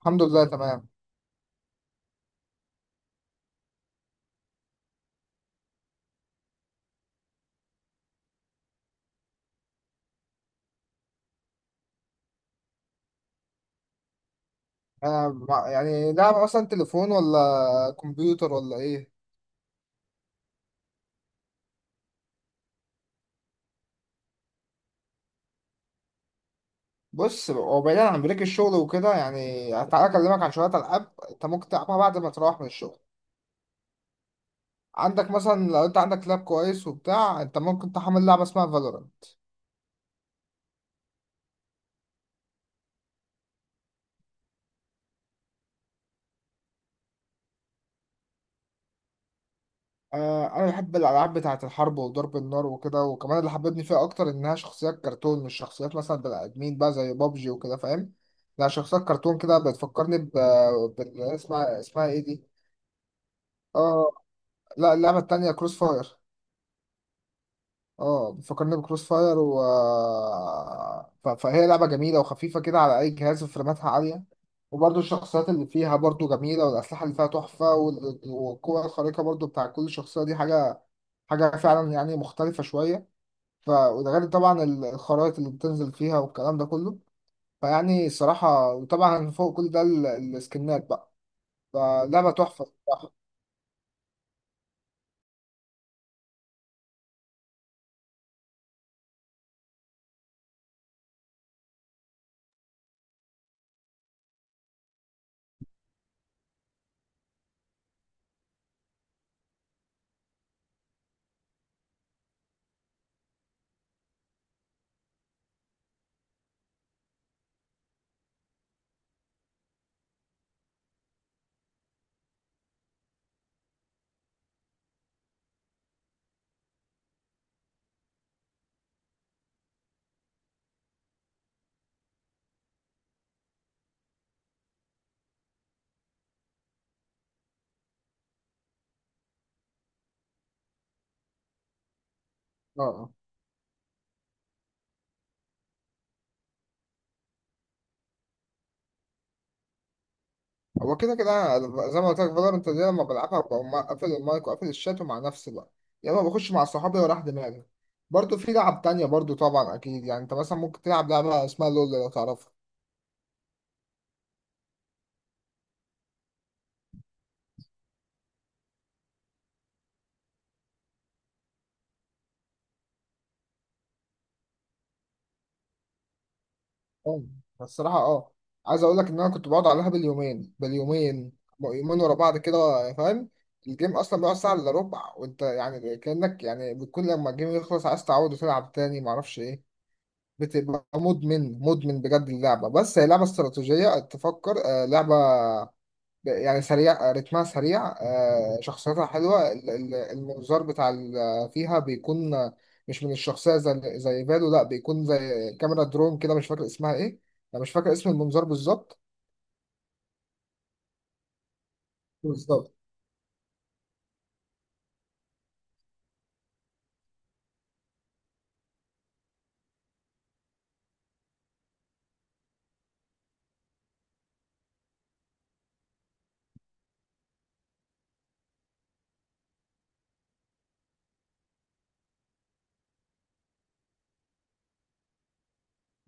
الحمد لله تمام. يعني لعب مثلا تليفون ولا كمبيوتر ولا ايه؟ بص، هو بعيدا عن بريك الشغل وكده، يعني تعالى اكلمك عن شويه العاب انت ممكن تلعبها بعد ما تروح من الشغل. عندك مثلا، لو انت عندك لاب كويس وبتاع، انت ممكن تحمل لعبه اسمها فالورانت. آه، انا بحب الالعاب بتاعه الحرب وضرب النار وكده، وكمان اللي حببني فيها اكتر انها شخصيات كرتون، مش شخصيات مثلا بني ادمين بقى زي بابجي وكده، فاهم؟ لا، شخصيات كرتون كده بتفكرني ب... بال- اسمها اسمها ايه دي؟ آه، لا، اللعبة التانية كروس فاير. اه، بتفكرني بكروس فاير. و ف- فهي لعبة جميلة وخفيفة كده على أي جهاز، وفريماتها عالية، وبرضه الشخصيات اللي فيها برضه جميلة، والأسلحة اللي فيها تحفة، وال- والقوة الخارقة برضه بتاع كل شخصية دي حاجة فعلا يعني مختلفة شوية. ف وده غير طبعا الخرائط اللي بتنزل فيها والكلام ده كله. فيعني الصراحة، وطبعا فوق كل ده السكنات بقى، فلعبة تحفة الصراحة. اه. هو كده كده أنا زي ما قلت لك فالورنت دي لما بلعبها بقوم مقفل المايك وقافل الشات ومع نفسي بقى، يا اما بخش مع صحابي وراح دماغي. برضه في لعب تانية برضه طبعا اكيد، يعني انت مثلا ممكن تلعب لعبة اسمها لول، لو تعرفها. اه. الصراحة اه، عايز اقول لك ان انا كنت بقعد عليها باليومين، يومين ورا بعض كده، فاهم؟ الجيم اصلا بيقعد ساعة الا ربع، وانت يعني كأنك يعني بتكون لما الجيم يخلص عايز تعود وتلعب تاني، معرفش ايه. بتبقى مدمن بجد اللعبة. بس هي لعبة استراتيجية تفكر، آه، لعبة يعني سريع، آه، رتمها سريع، آه، شخصيتها حلوة. المنظار بتاع فيها بيكون، آه، مش من الشخصية زي زي فالو، لا بيكون زي كاميرا درون كده، مش فاكر اسمها ايه. انا مش فاكر اسم المنظار بالظبط. بالظبط.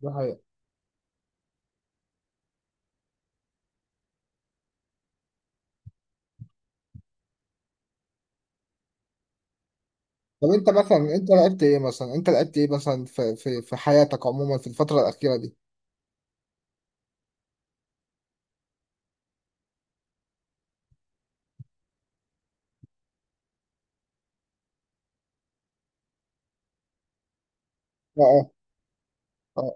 ده حقيقة. طب انت مثلا انت لعبت ايه مثلا، انت لعبت ايه مثلا في حياتك عموما في الفترة الأخيرة دي؟ اه. اه. آه،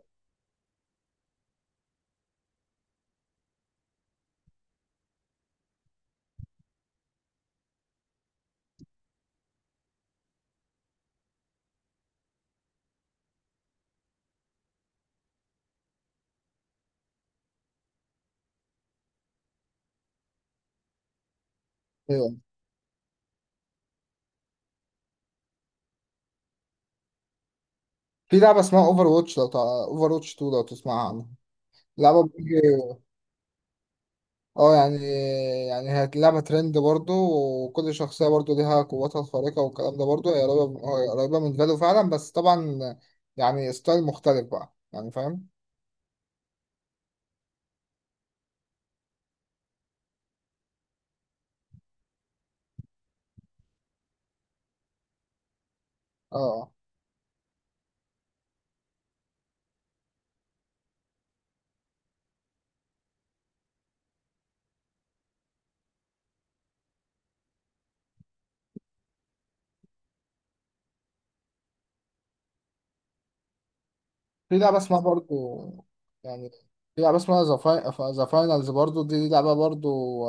ايوه. في لعبة اسمها اوفر واتش، لو اوفر واتش 2، لو تسمعها عنها؟ لعبة بيجي. اه، يعني يعني هي لعبة ترند برضو، وكل شخصية برضو ليها قوتها الخارقة والكلام ده برضو. هي قريبة من فالو فعلا، بس طبعا يعني ستايل مختلف بقى، يعني فاهم؟ اه. آه. في لعبة اسمها برضو، يعني في لعبة اسمها ذا فاينلز، برضو دي لعبة برضو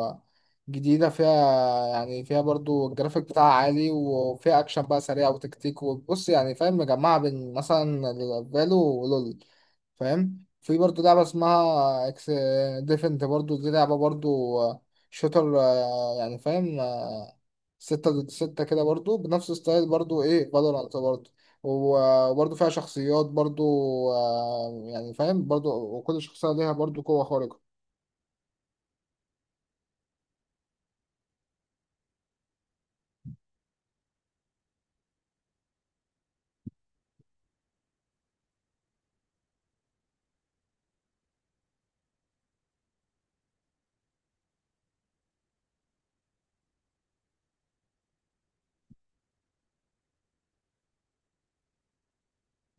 جديدة، فيها يعني فيها برضو الجرافيك بتاعها عالي، وفيها أكشن بقى سريع وتكتيك، وبص يعني فاهم، مجمعة بين مثلا فالو ولول، فاهم؟ في برضه لعبة اسمها اكس ديفنت برضه، دي لعبة برضه شوتر، آه، يعني فاهم، آه، ستة ضد ستة كده برضه، بنفس ستايل برضه ايه فالورانت برضه، و- وبرضه فيها شخصيات برضه، آه، يعني فاهم برضه، وكل شخصية ليها برضه قوة خارقة.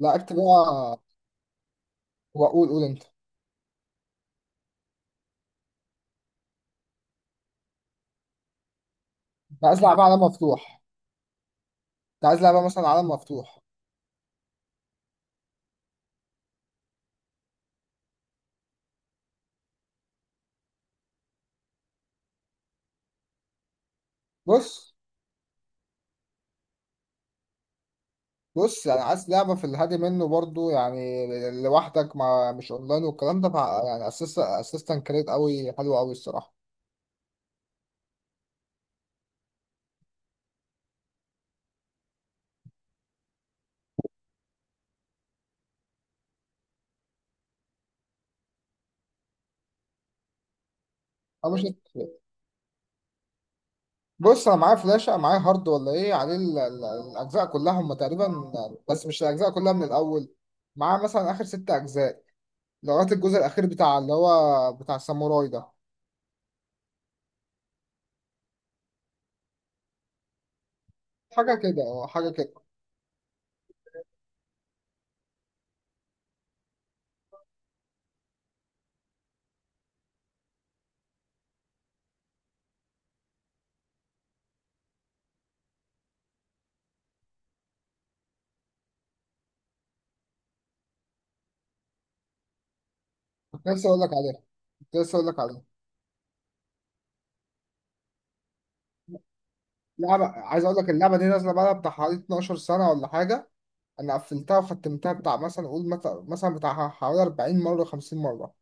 لا اكتب بقى. وقول انت. انت عايز لعبة عالم مفتوح؟ انت عايز لعبة مثلا عالم مفتوح؟ بص. بص يعني عايز لعبة في الهادي منه برضو، يعني لوحدك، مع مش اونلاين والكلام ده، يعني اسيست اسيستنت كريت قوي، حلو قوي الصراحة. أو مش. بص انا معايا فلاشة، أنا معايا هارد ولا ايه عليه الاجزاء كلها هم تقريبا، بس مش الاجزاء كلها من الاول، معاه مثلا اخر ست اجزاء لغاية الجزء الاخير بتاع اللي هو بتاع الساموراي ده. حاجة كده، اه، حاجة كده. كنت لسه اقول لك عليها. كنت لسه اقول لك عليها. لعبة عايز اقول لك، اللعبة دي نازلة بقى بتاع حوالي 12 سنة ولا حاجة، انا قفلتها وختمتها بتاع مثلا اقول مثلا بتاع حوالي 40 مره 50 مره.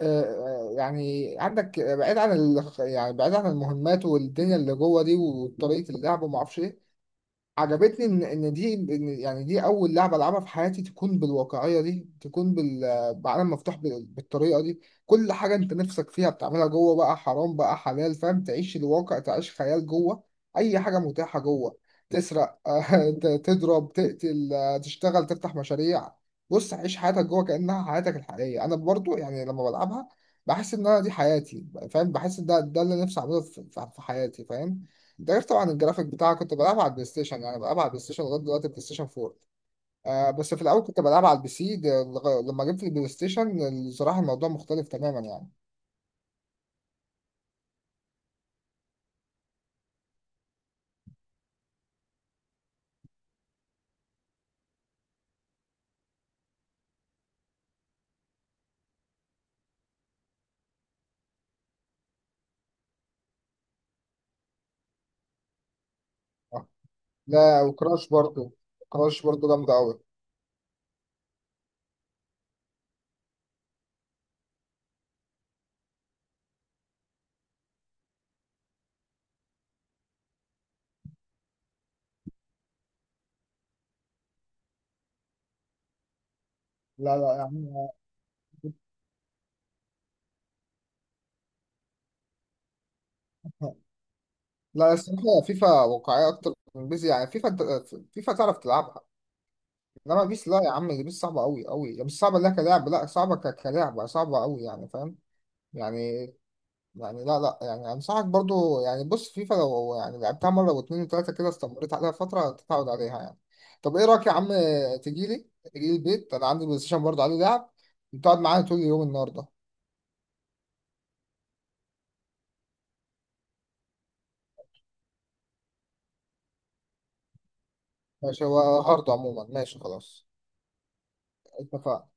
يعني عندك، بعيد عن يعني بعيد عن المهمات والدنيا اللي جوه دي وطريقه اللعب وما اعرفش ايه، عجبتني ان ان دي، إن يعني دي اول لعبه العبها في حياتي تكون بالواقعيه دي، تكون بعالم مفتوح، بالطريقه دي. كل حاجه انت نفسك فيها بتعملها جوه، بقى حرام بقى حلال، فاهم؟ تعيش الواقع، تعيش خيال جوه، اي حاجه متاحه جوه، تسرق تضرب، تقتل، آه، تشتغل، تفتح مشاريع. بص، عيش حياتك جوه كانها حياتك الحقيقيه. انا برضو يعني لما بلعبها بحس ان انا دي حياتي، فاهم؟ بحس ان ده اللي نفسي اعمله في في حياتي، فاهم؟ انت عارف طبعا الجرافيك بتاعها، كنت بلعبها على البلاي ستيشن، يعني بلعبها على البلاي ستيشن لغايه دلوقتي بلاي ستيشن 4. آه، بس في الاول كنت بلعبها على البي سي ده، لما جبت البلاي ستيشن الصراحه الموضوع مختلف تماما يعني. آه. لا، وكراش برضو، كراش برضو جامده قوي. لا يعني. لا الصراحه فيفا واقعيه اكتر من بيس، يعني فيفا فيفا تعرف تلعبها، انما بيس لا يا عم، دي بيس صعبه قوي قوي، مش صعبه لا كلاعب، لا صعبه كلعبه صعبه قوي يعني، فاهم؟ يعني يعني لا لا يعني انصحك برضو يعني، بص فيفا لو يعني لعبتها مره واتنين وتلاته كده، استمريت عليها فتره تتعود عليها يعني. طب ايه رايك يا عم، تجيلي تجيلي البيت، انا عندي بلاي ستيشن برضو عليه لعب، تقعد معايا طول اليوم النهارده. ماشي، هو هارد عموما، ماشي خلاص. اتفقنا.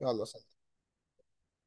يلا سلام.